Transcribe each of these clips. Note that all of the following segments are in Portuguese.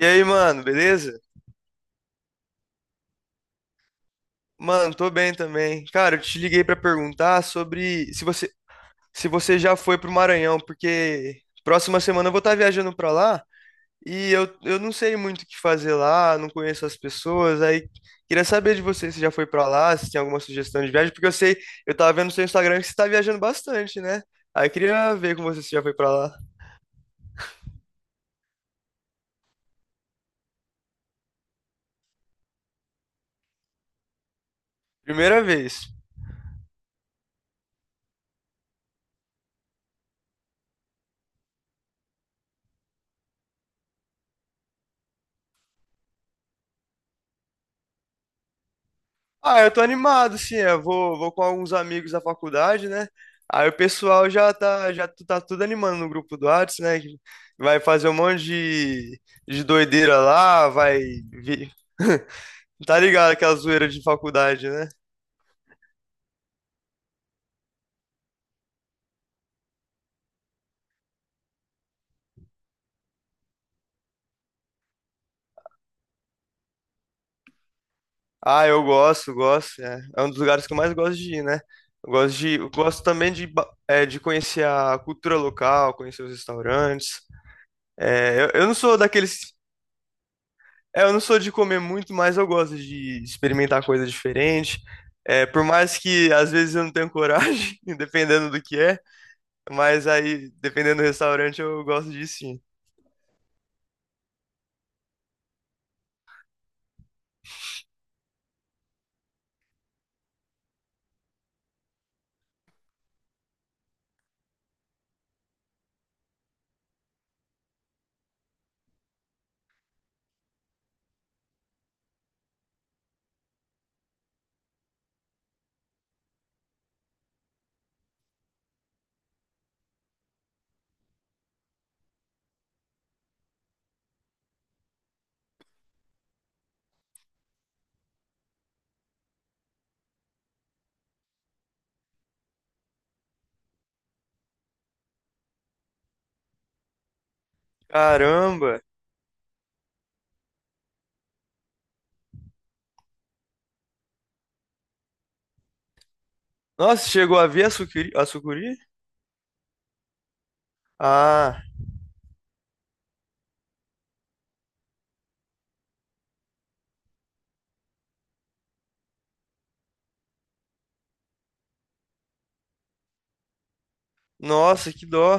E aí, mano, beleza? Mano, tô bem também. Cara, eu te liguei pra perguntar sobre se você já foi pro Maranhão, porque próxima semana eu vou estar viajando pra lá e eu não sei muito o que fazer lá, não conheço as pessoas. Aí queria saber de você se já foi pra lá, se tem alguma sugestão de viagem, porque eu sei, eu tava vendo no seu Instagram que você tá viajando bastante, né? Aí eu queria ver com você se já foi pra lá. Primeira vez. Ah, eu tô animado, sim. Eu vou com alguns amigos da faculdade, né? Aí o pessoal já tá, já tu- tá tudo animando no grupo do Whats, né? Que vai fazer um monte de doideira lá, vai. vi- Tá ligado aquela zoeira de faculdade, né? Ah, eu gosto, gosto. É, é um dos lugares que eu mais gosto de ir, né? Eu gosto também de conhecer a cultura local, conhecer os restaurantes. É, eu não sou daqueles. É, eu não sou de comer muito, mas eu gosto de experimentar coisa diferente. É, por mais que às vezes eu não tenho coragem, dependendo do que é, mas aí, dependendo do restaurante, eu gosto de sim. Caramba! Nossa, chegou a ver a sucuri? A sucuri? Ah, nossa, que dó.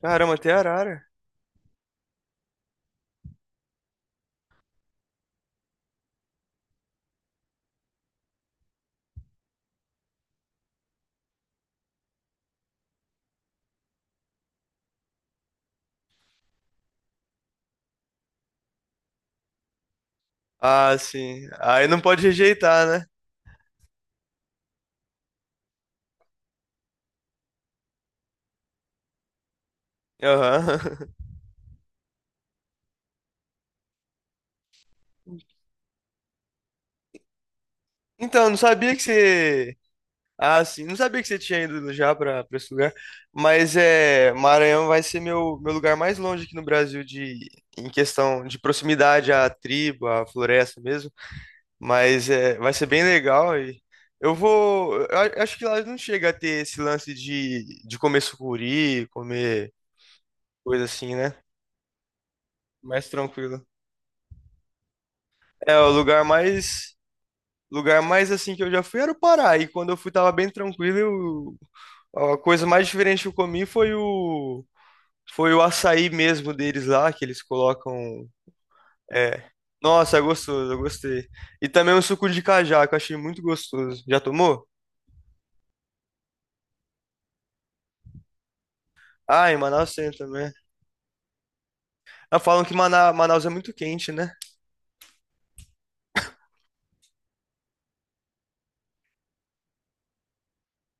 Caramba, até arara. Ah, sim. Aí não pode rejeitar, né? Aham. Então, eu não sabia que você. Ah, sim. Não sabia que você tinha ido já para esse lugar. Mas é, Maranhão vai ser meu lugar mais longe aqui no Brasil de em questão de proximidade à tribo, à floresta mesmo. Mas é, vai ser bem legal e eu vou. Acho que lá não chega a ter esse lance de comer sucuri, comer coisa assim, né? Mais tranquilo. É, o lugar mais assim que eu já fui era o Pará. E quando eu fui tava bem tranquilo. A coisa mais diferente que eu comi foi o. Foi o açaí mesmo deles lá, que eles colocam. É. Nossa, é gostoso, eu gostei. E também o suco de cajá, que eu achei muito gostoso. Já tomou? Ah, em Manaus tem também. Ah, falam que Manaus é muito quente, né?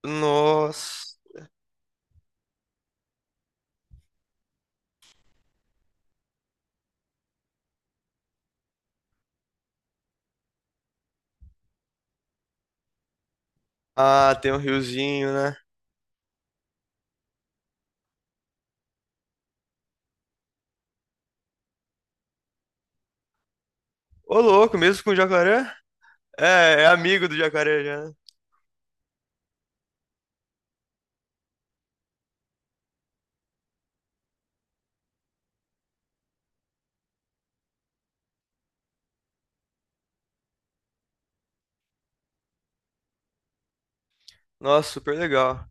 Nossa. Ah, tem um riozinho, né? Ô, louco, mesmo com o jacaré? É, é amigo do jacaré já, né? Nossa, super legal.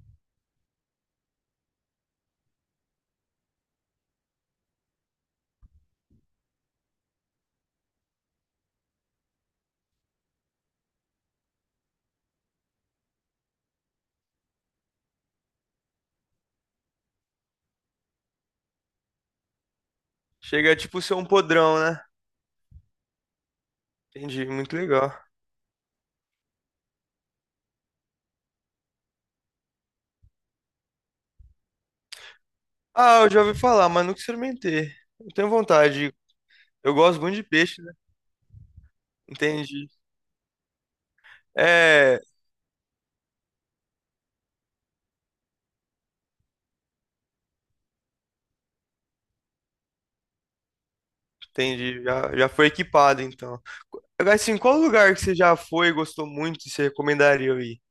Chega a tipo ser um podrão, né? Entendi, muito legal. Ah, eu já ouvi falar, mas nunca experimentei. Eu tenho vontade. Eu gosto muito de peixe, né? Entendi. É, entendi. Já, já foi equipado, então. Agora, assim, qual lugar que você já foi, gostou muito e você recomendaria eu ir?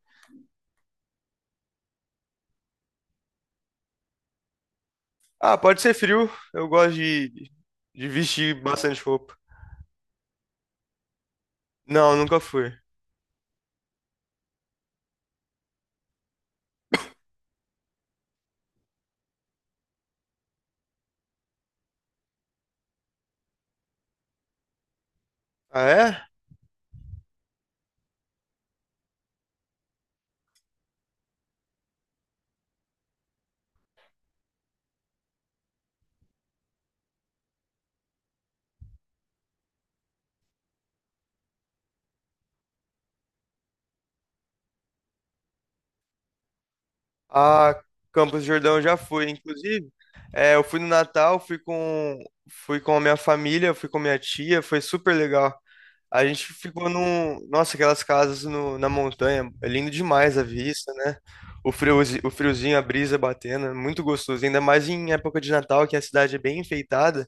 Ah, pode ser frio. De vestir bastante roupa. Não, nunca fui. Ah, é? Ah, Campos do Jordão eu já fui. Inclusive, é, eu fui no Natal, fui com a minha família, fui com minha tia, foi super legal. A gente ficou num. Nossa, aquelas casas na montanha. É lindo demais a vista, né? O friozinho, a brisa batendo, é muito gostoso. Ainda mais em época de Natal, que a cidade é bem enfeitada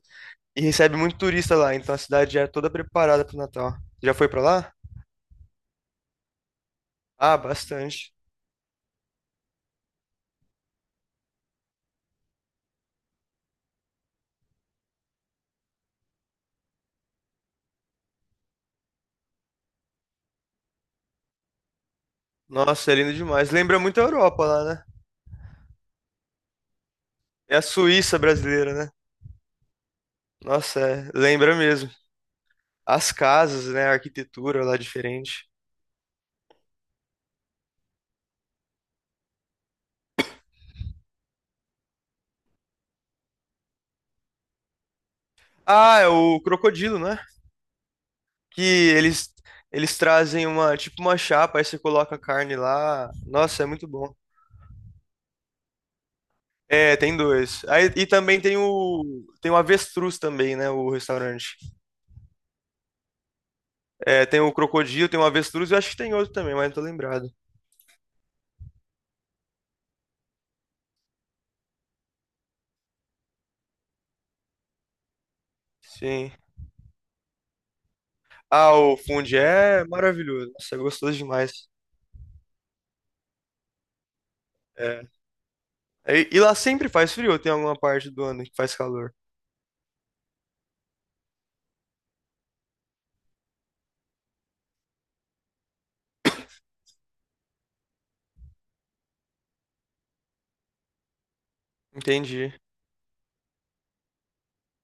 e recebe muito turista lá. Então a cidade já é toda preparada pro Natal. Já foi pra lá? Ah, bastante. Nossa, é lindo demais. Lembra muito a Europa lá, né? É a Suíça brasileira, né? Nossa, é, lembra mesmo. As casas, né? A arquitetura lá é diferente. Ah, é o crocodilo, né? Que eles trazem uma, tipo uma chapa, aí você coloca a carne lá. Nossa, é muito bom. É, tem dois. Aí, e também tem o. Tem o avestruz também, né, o restaurante. É, tem o crocodilo, tem o avestruz, eu acho que tem outro também, mas não tô lembrado. Sim. Ah, o fundi é maravilhoso. Nossa, é gostoso demais. É. E, e lá sempre faz frio, ou tem alguma parte do ano que faz calor. Entendi.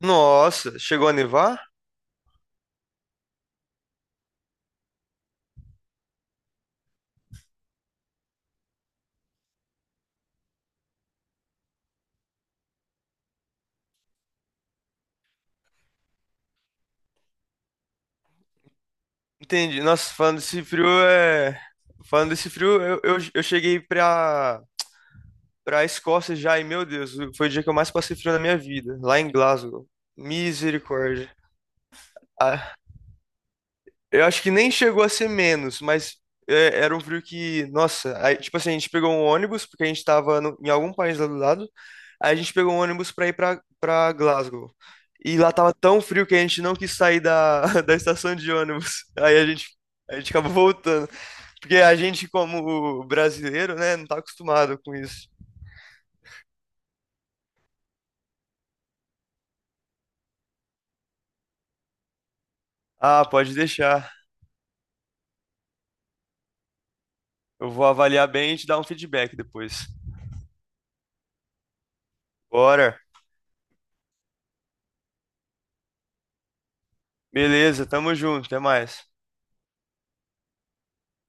Nossa, chegou a nevar? Entendi. Nossa, falando desse frio é. Falando desse frio, eu cheguei pra Escócia já, e meu Deus, foi o dia que eu mais passei frio na minha vida, lá em Glasgow. Misericórdia. Ah, eu acho que nem chegou a ser menos, mas é, era um frio que, nossa, aí, tipo assim, a gente pegou um ônibus, porque a gente tava em algum país lá do lado, aí a gente pegou um ônibus pra ir pra Glasgow. E lá tava tão frio que a gente não quis sair da, da estação de ônibus. A gente acabou voltando. Porque a gente, como brasileiro, né, não tá acostumado com isso. Ah, pode deixar. Eu vou avaliar bem e te dar um feedback depois. Bora. Beleza, tamo junto, até mais.